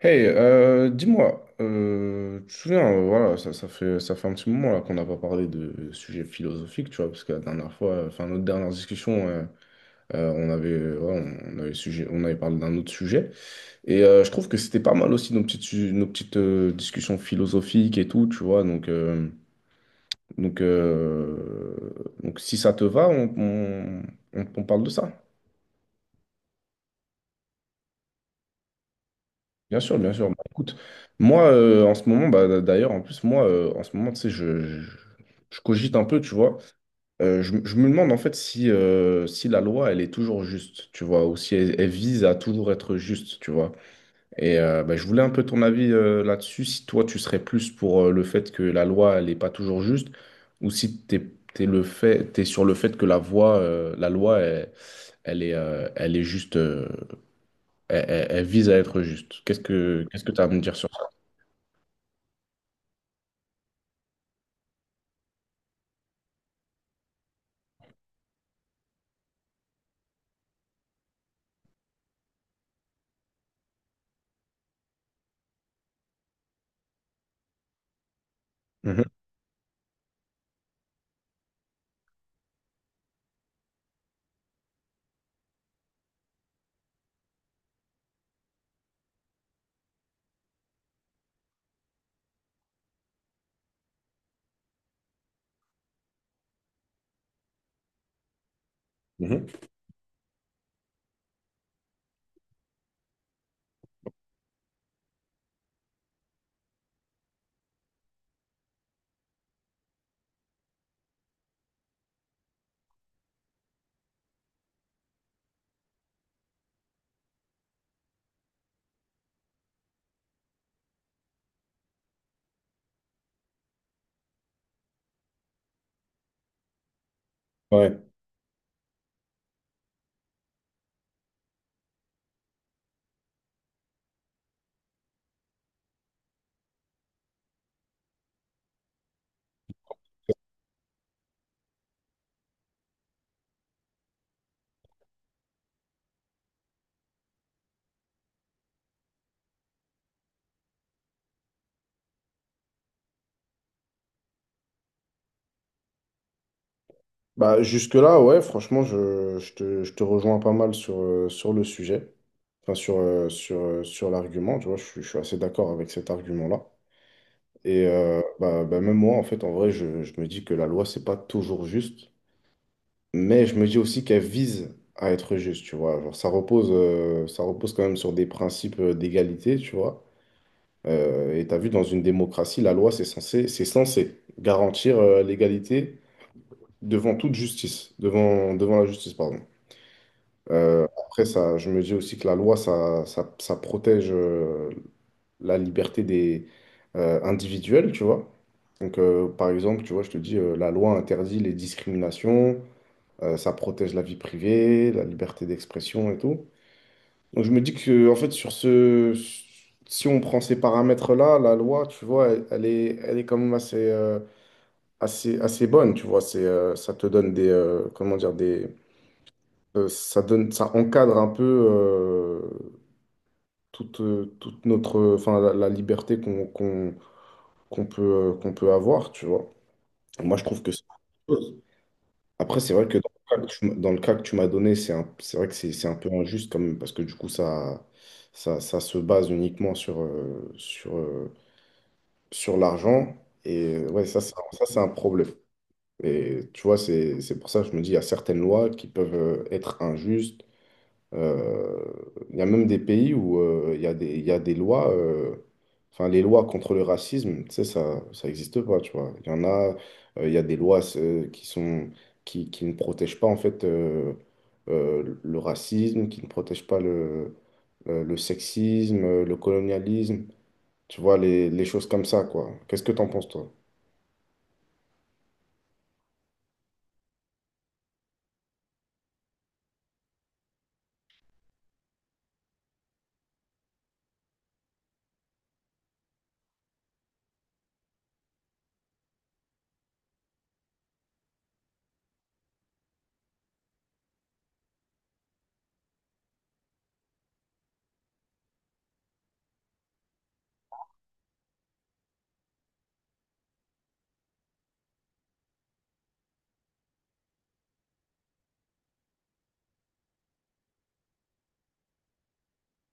Hey, dis-moi, tu te souviens, voilà, ça fait un petit moment là qu'on n'a pas parlé de sujets philosophiques, tu vois, parce que la dernière fois, enfin notre dernière discussion, on avait, voilà, on avait parlé d'un autre sujet, et je trouve que c'était pas mal aussi nos petites, nos petites discussions philosophiques et tout, tu vois, donc, donc, euh, donc si ça te va, on parle de ça. Bien sûr, bien sûr. Bah, écoute, moi, en ce moment, bah, d'ailleurs, en plus, moi, en ce moment, tu sais, je cogite un peu, tu vois. Je me demande, en fait, si, si la loi, elle est toujours juste, tu vois, ou si elle, elle vise à toujours être juste, tu vois. Et bah, je voulais un peu ton avis là-dessus, si toi, tu serais plus pour le fait que la loi, elle n'est pas toujours juste, ou si t'es, t'es sur le fait que la loi, elle, elle est juste, elle vise à être juste. Qu'est-ce que tu as à me dire sur. Mhm. Mhm. Ouais. Bah, jusque-là, ouais, franchement, je te rejoins pas mal sur, sur le sujet, enfin, sur l'argument, tu vois, je suis assez d'accord avec cet argument-là. Et bah, même moi, en fait, en vrai, je me dis que la loi, c'est pas toujours juste, mais je me dis aussi qu'elle vise à être juste, tu vois. Genre, ça repose quand même sur des principes d'égalité, tu vois. Et tu as vu, dans une démocratie, la loi, c'est censé garantir l'égalité devant toute justice, devant la justice, pardon. Après, ça, je me dis aussi que la loi, ça protège la liberté des individuels, tu vois. Donc, par exemple, tu vois, je te dis, la loi interdit les discriminations, ça protège la vie privée, la liberté d'expression et tout. Donc, je me dis que, en fait, sur ce, si on prend ces paramètres-là, la loi, tu vois, elle est quand même assez, assez bonne, tu vois. C'est, ça te donne des, comment dire, des ça donne, ça encadre un peu toute, toute notre, enfin, la liberté qu'on peut avoir, tu vois. Moi, je trouve que c'est une chose. Après, c'est vrai que dans le cas que tu, m- dans le cas que tu m'as donné, c'est vrai que c'est un peu injuste quand même, parce que du coup, ça se base uniquement sur, sur l'argent. Et ouais, ça, ça, c'est un problème. Et tu vois, c'est pour ça que je me dis, il y a certaines lois qui peuvent être injustes. Euh, Il y a même des pays où il y a des, il y a des lois, enfin les lois contre le racisme, tu sais, ça n'existe pas, tu vois. Il y en a, il y a des lois qui sont, qui ne protègent pas en fait le racisme, qui ne protègent pas le, le sexisme, le colonialisme, tu vois, les choses comme ça, quoi. Qu'est-ce que t'en penses, toi?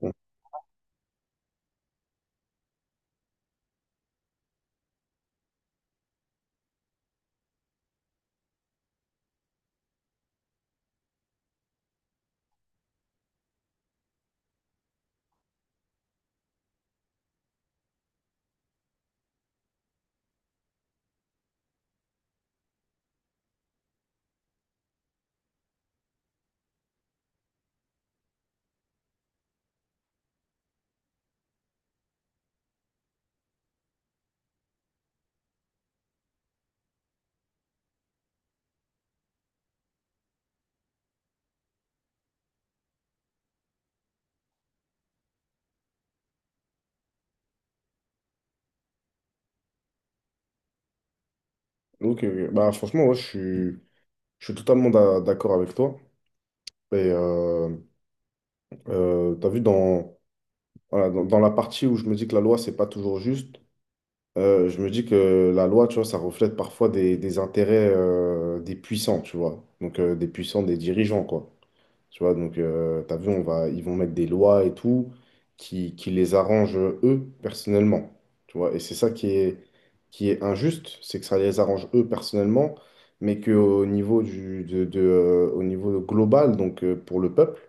Bon. Ok, ok. Bah, franchement, ouais, je suis, d'accord avec toi. Et t'as vu dans voilà, dans, dans la partie où je me dis que la loi, c'est pas toujours juste, je me dis que la loi, tu vois, ça reflète parfois des intérêts des puissants, tu vois. Donc, des puissants, des dirigeants, quoi. Tu vois, donc, t'as vu, ils vont mettre des lois et tout qui les arrangent eux, personnellement. Tu vois, et c'est ça qui est injuste, c'est que ça les arrange eux, personnellement, mais qu'au niveau de, au niveau global, donc pour le peuple,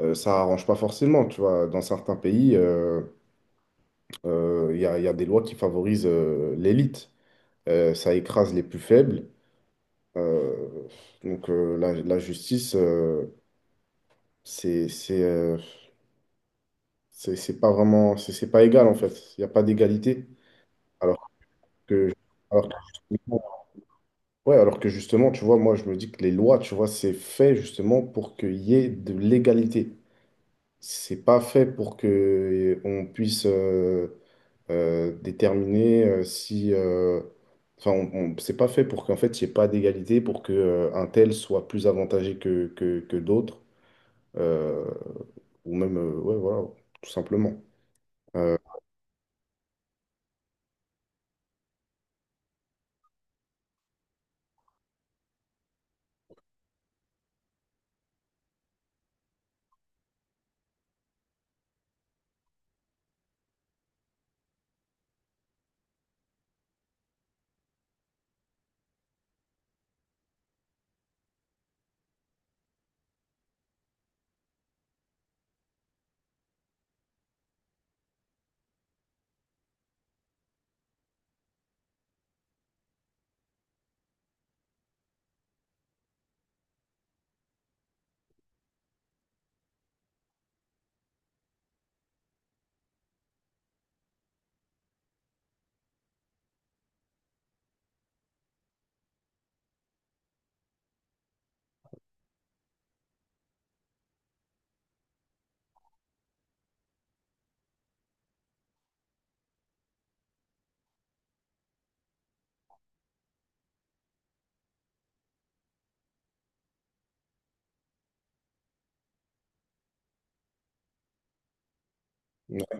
ça arrange pas forcément, tu vois. Dans certains pays il y a des lois qui favorisent l'élite. Ça écrase les plus faibles. Euh, donc la, la justice, c'est, c'est, euh, c'est pas vraiment, c'est pas égal en fait. Il n'y a pas d'égalité. Alors que, alors que justement, ouais, alors que justement, tu vois, moi je me dis que les lois, tu vois, c'est fait justement pour qu'il y ait de l'égalité. C'est pas fait pour que on puisse déterminer si... enfin, c'est pas fait pour qu'en fait, il n'y ait pas d'égalité, pour que, un tel soit plus avantagé que, que d'autres. Euh, ou même, ouais, voilà, tout simplement. Euh, non,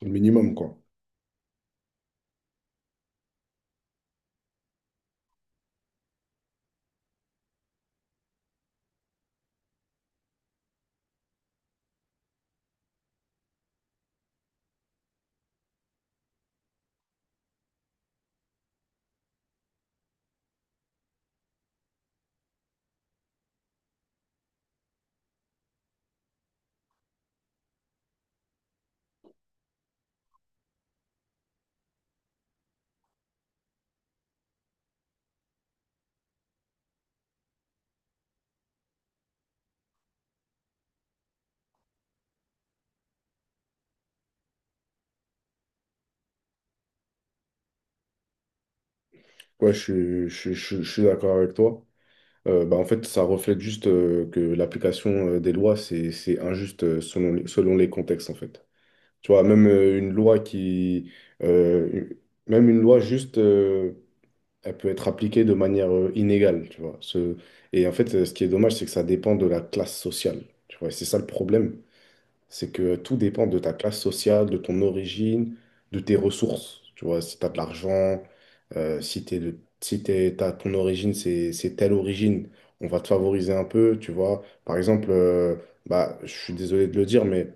c'est le minimum, quoi. Ouais, je suis d'accord avec toi. Bah, en fait, ça reflète juste que l'application des lois, c'est injuste selon les contextes, en fait. Tu vois, euh, même une loi juste elle peut être appliquée de manière inégale, tu vois. Ce... et en fait, ce qui est dommage, c'est que ça dépend de la classe sociale, tu vois. Et c'est ça le problème, c'est que tout dépend de ta classe sociale, de ton origine, de tes ressources, tu vois. Si tu as de l'argent, si t'es de... si t'es- t'as- ton origine, c'est telle origine, on va te favoriser un peu, tu vois. Par exemple, je suis désolé de le dire, mais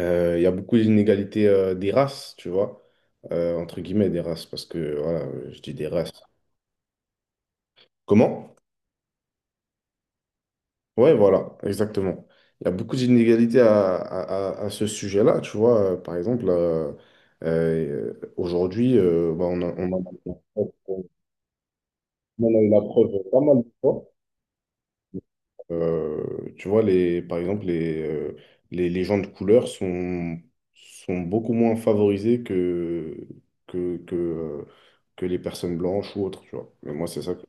il y a beaucoup d'inégalités des races, tu vois. Entre guillemets, des races, parce que, voilà, je dis des races. Comment? Ouais, voilà, exactement. Il y a beaucoup d'inégalités à ce sujet-là, tu vois. Par exemple, aujourd'hui, bah, on en a eu la preuve pas mal de fois. Tu vois, les, par exemple, les gens de couleur sont, sont beaucoup moins favorisés que, que, que, euh, que les personnes blanches ou autres, tu vois. Mais moi, c'est ça. Que...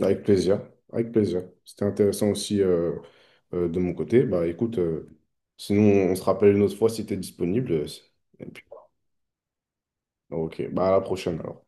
avec plaisir, avec plaisir. C'était intéressant aussi. Euh, de mon côté, bah écoute, sinon on se rappelle une autre fois si tu es disponible. Euh, et puis, voilà. Ok, bah à la prochaine alors.